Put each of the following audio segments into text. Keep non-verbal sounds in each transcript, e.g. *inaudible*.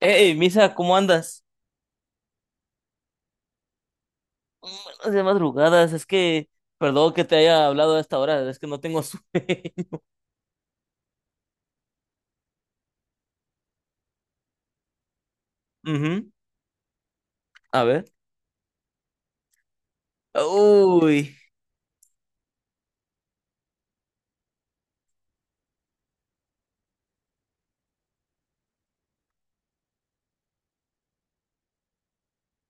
Hey, Misa, ¿cómo andas? De madrugadas, es que, perdón que te haya hablado a esta hora, es que no tengo sueño. *laughs* Ujú. A ver. Uy,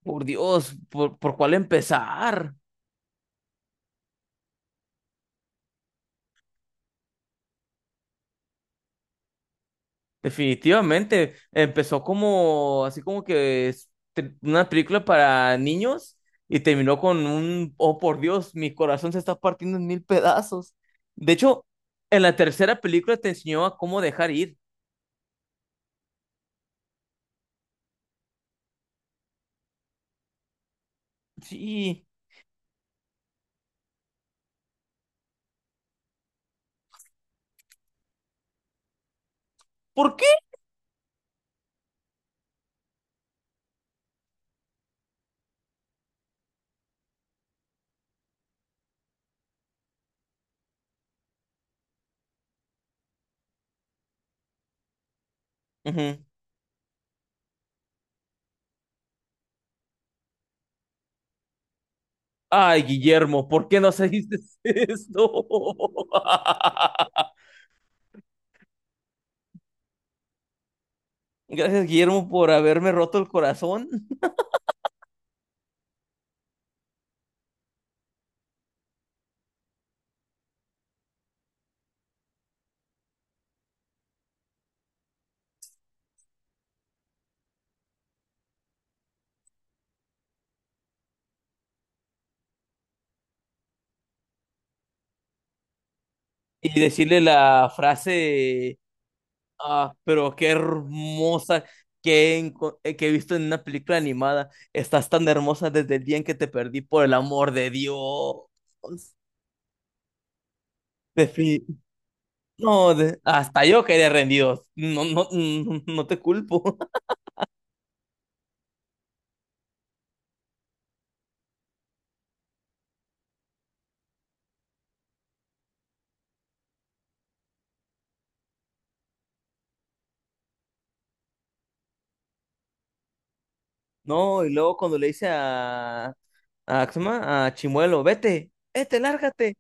por Dios, ¿por cuál empezar? Definitivamente, empezó como, así como que una película para niños y terminó con un, oh por Dios, mi corazón se está partiendo en mil pedazos. De hecho, en la tercera película te enseñó a cómo dejar ir. Sí, ¿por qué? Ujú. Ay, Guillermo, ¿por qué nos hiciste esto? *laughs* Gracias, Guillermo, por haberme roto el corazón y decirle la frase, ah, pero qué hermosa que he visto en una película animada. Estás tan hermosa desde el día en que te perdí, por el amor de Dios. Defi- no, hasta yo quedé rendido. No, no, no, no te culpo. *laughs* No, y luego cuando le hice a ¿cómo se llama? A Chimuelo, vete, vete, lárgate.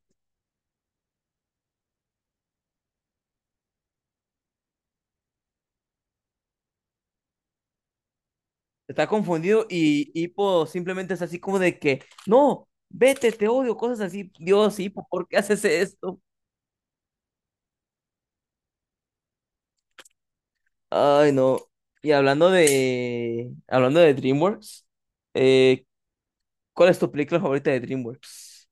Está confundido y Hipo simplemente es así como de que, no, vete, te odio, cosas así. Dios, Hipo, ¿por qué haces esto? Ay, no. Y hablando de DreamWorks, eh, ¿cuál es tu película favorita de DreamWorks?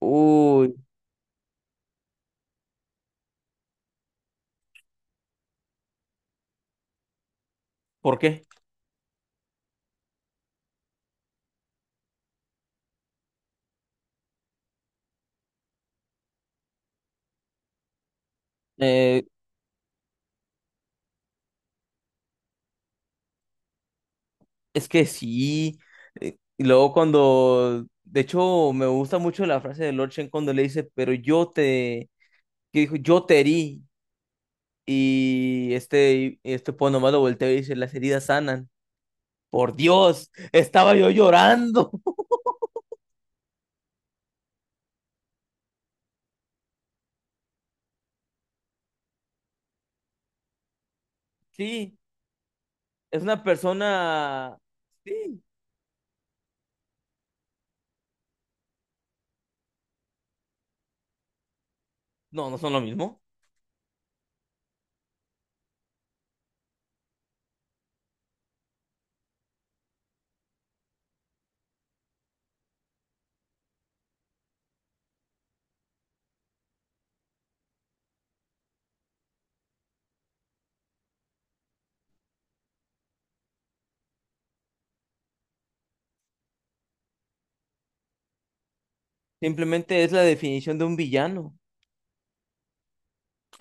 Uy, ¿por qué? Eh, es que sí. Y luego cuando, de hecho, me gusta mucho la frase de Lord Shen cuando le dice, pero que dijo, yo te herí. Y este po nomás lo volteo y dice, las heridas sanan. Por Dios, estaba yo llorando. *laughs* Sí, es una persona... Sí, no, no son lo mismo. Simplemente es la definición de un villano.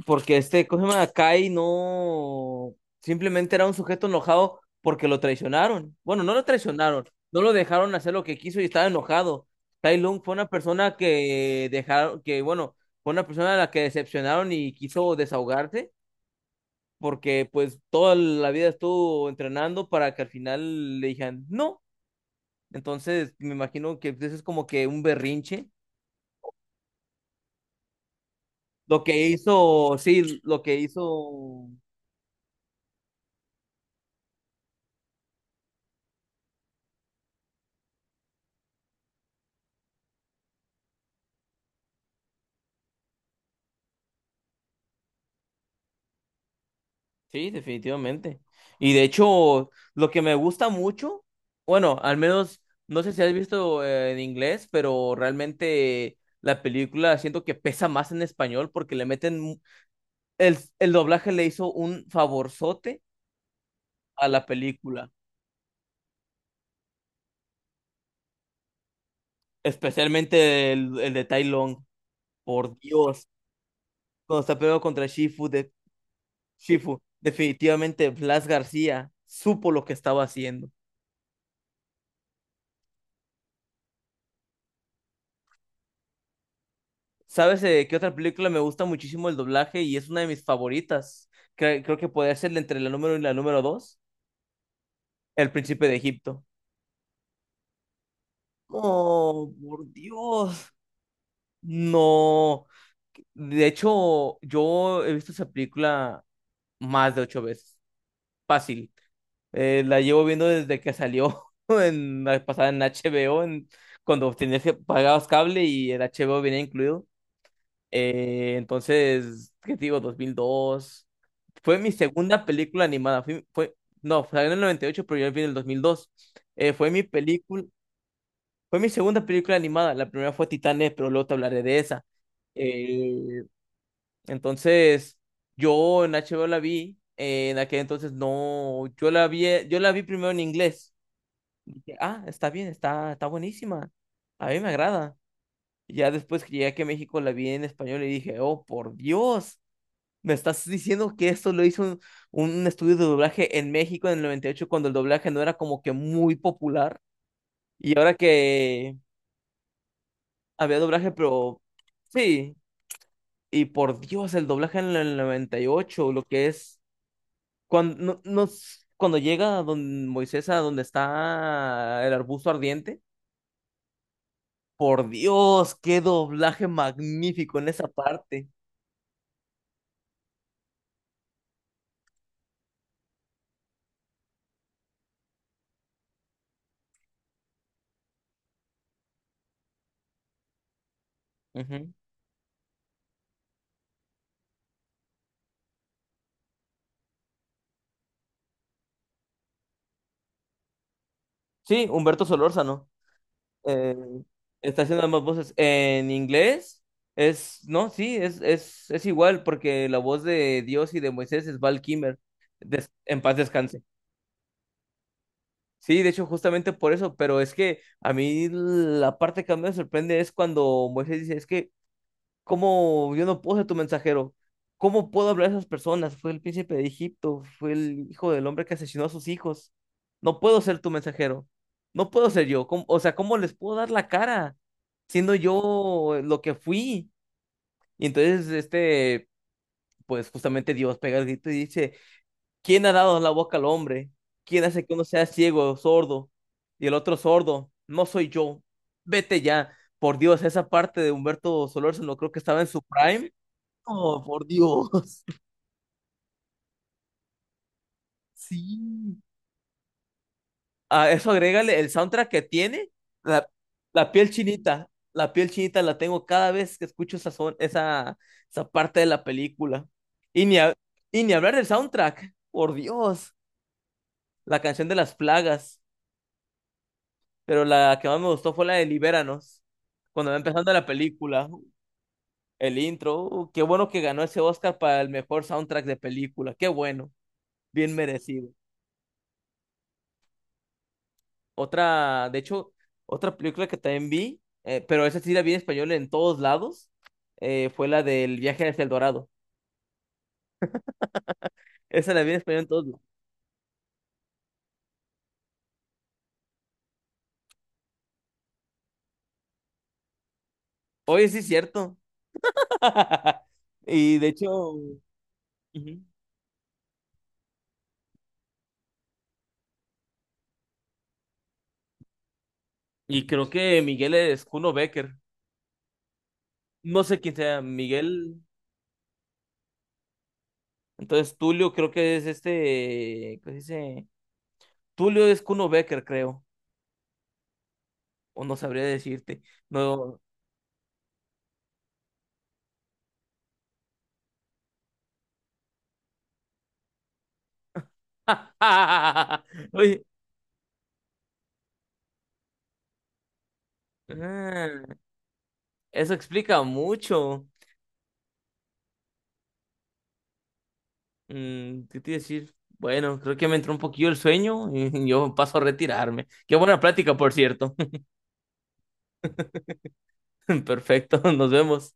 Porque este, ¿cómo se llama? Kai no... Simplemente era un sujeto enojado porque lo traicionaron. Bueno, no lo traicionaron, no lo dejaron hacer lo que quiso y estaba enojado. Tai Lung fue una persona que dejaron, que bueno, fue una persona a la que decepcionaron y quiso desahogarse porque pues toda la vida estuvo entrenando para que al final le dijeran no. Entonces, me imagino que eso es como que un berrinche. Lo que hizo, sí, lo que hizo, sí, definitivamente. Y de hecho, lo que me gusta mucho, bueno, al menos, no sé si has visto en inglés, pero realmente la película siento que pesa más en español porque le meten, el doblaje le hizo un favorzote a la película. Especialmente el de Tai Long. Por Dios. Cuando está peleando contra Shifu, definitivamente Blas García supo lo que estaba haciendo. ¿Sabes qué otra película me gusta muchísimo el doblaje y es una de mis favoritas? Creo que podría ser entre la número y la número dos. El Príncipe de Egipto. Oh, por Dios. No. De hecho, yo he visto esa película más de ocho veces. Fácil. La llevo viendo desde que salió *laughs* en la pasada en HBO, cuando tenías que pagabas cable y el HBO venía incluido. Entonces, ¿qué te digo? 2002. Fue mi segunda película animada. No, salió en el 98, pero yo vi en el 2002. Eh, fue mi película, fue mi segunda película animada. La primera fue Titanes, pero luego te hablaré de esa. Eh, entonces, yo en HBO la vi. En aquel entonces no, yo la vi primero en inglés. Dije, ah, está bien, está buenísima. A mí me agrada. Y ya después que llegué aquí a México la vi en español y dije, oh, por Dios, me estás diciendo que esto lo hizo un estudio de doblaje en México en el 98 cuando el doblaje no era como que muy popular. Y ahora que había doblaje, pero sí, y por Dios, el doblaje en el 98, lo que es cuando, no, no- cuando llega a don Moisés a donde está el arbusto ardiente. Por Dios, qué doblaje magnífico en esa parte. Ujú. Sí, Humberto Solórzano. eh, Está haciendo ambas voces. En inglés es, no, sí, es igual, porque la voz de Dios y de Moisés es Val Kilmer. En paz descanse. Sí, de hecho, justamente por eso, pero es que a mí la parte que más me sorprende es cuando Moisés dice, es que ¿cómo yo no puedo ser tu mensajero? ¿Cómo puedo hablar a esas personas? Fue el príncipe de Egipto, fue el hijo del hombre que asesinó a sus hijos. No puedo ser tu mensajero. No puedo ser yo. O sea, ¿cómo les puedo dar la cara siendo yo lo que fui? Y entonces, pues justamente Dios pega el grito y dice, ¿quién ha dado la boca al hombre? ¿Quién hace que uno sea ciego, sordo? Y el otro sordo, no soy yo. Vete ya. Por Dios, esa parte de Humberto Solórzano creo que estaba en su prime. Oh, por Dios. *laughs* Sí. A eso agrégale el soundtrack que tiene, la, la piel chinita. La piel chinita la tengo cada vez que escucho esa parte de la película. Y ni, ha- y ni hablar del soundtrack, por Dios. La canción de las plagas, pero la que más me gustó fue la de Libéranos, cuando va empezando la película, el intro. Qué bueno que ganó ese Oscar para el mejor soundtrack de película, qué bueno, bien merecido. Otra, de hecho, otra película que también vi, pero esa sí la vi en español en todos lados, fue la del viaje hacia el Dorado. Esa la vi en español en todos lados. Oye, sí es cierto. *laughs* Y de hecho, ujú, y creo que Miguel es Kuno Becker. No sé quién sea Miguel. Entonces, Tulio creo que es este, ¿qué se dice? Tulio es Kuno Becker, creo. O no sabría decirte. No. *laughs* Oye, ah, eso explica mucho. ¿Qué te iba a decir? Bueno, creo que me entró un poquillo el sueño y *laughs* yo paso a retirarme. Qué buena plática, por cierto. *laughs* Perfecto, nos vemos.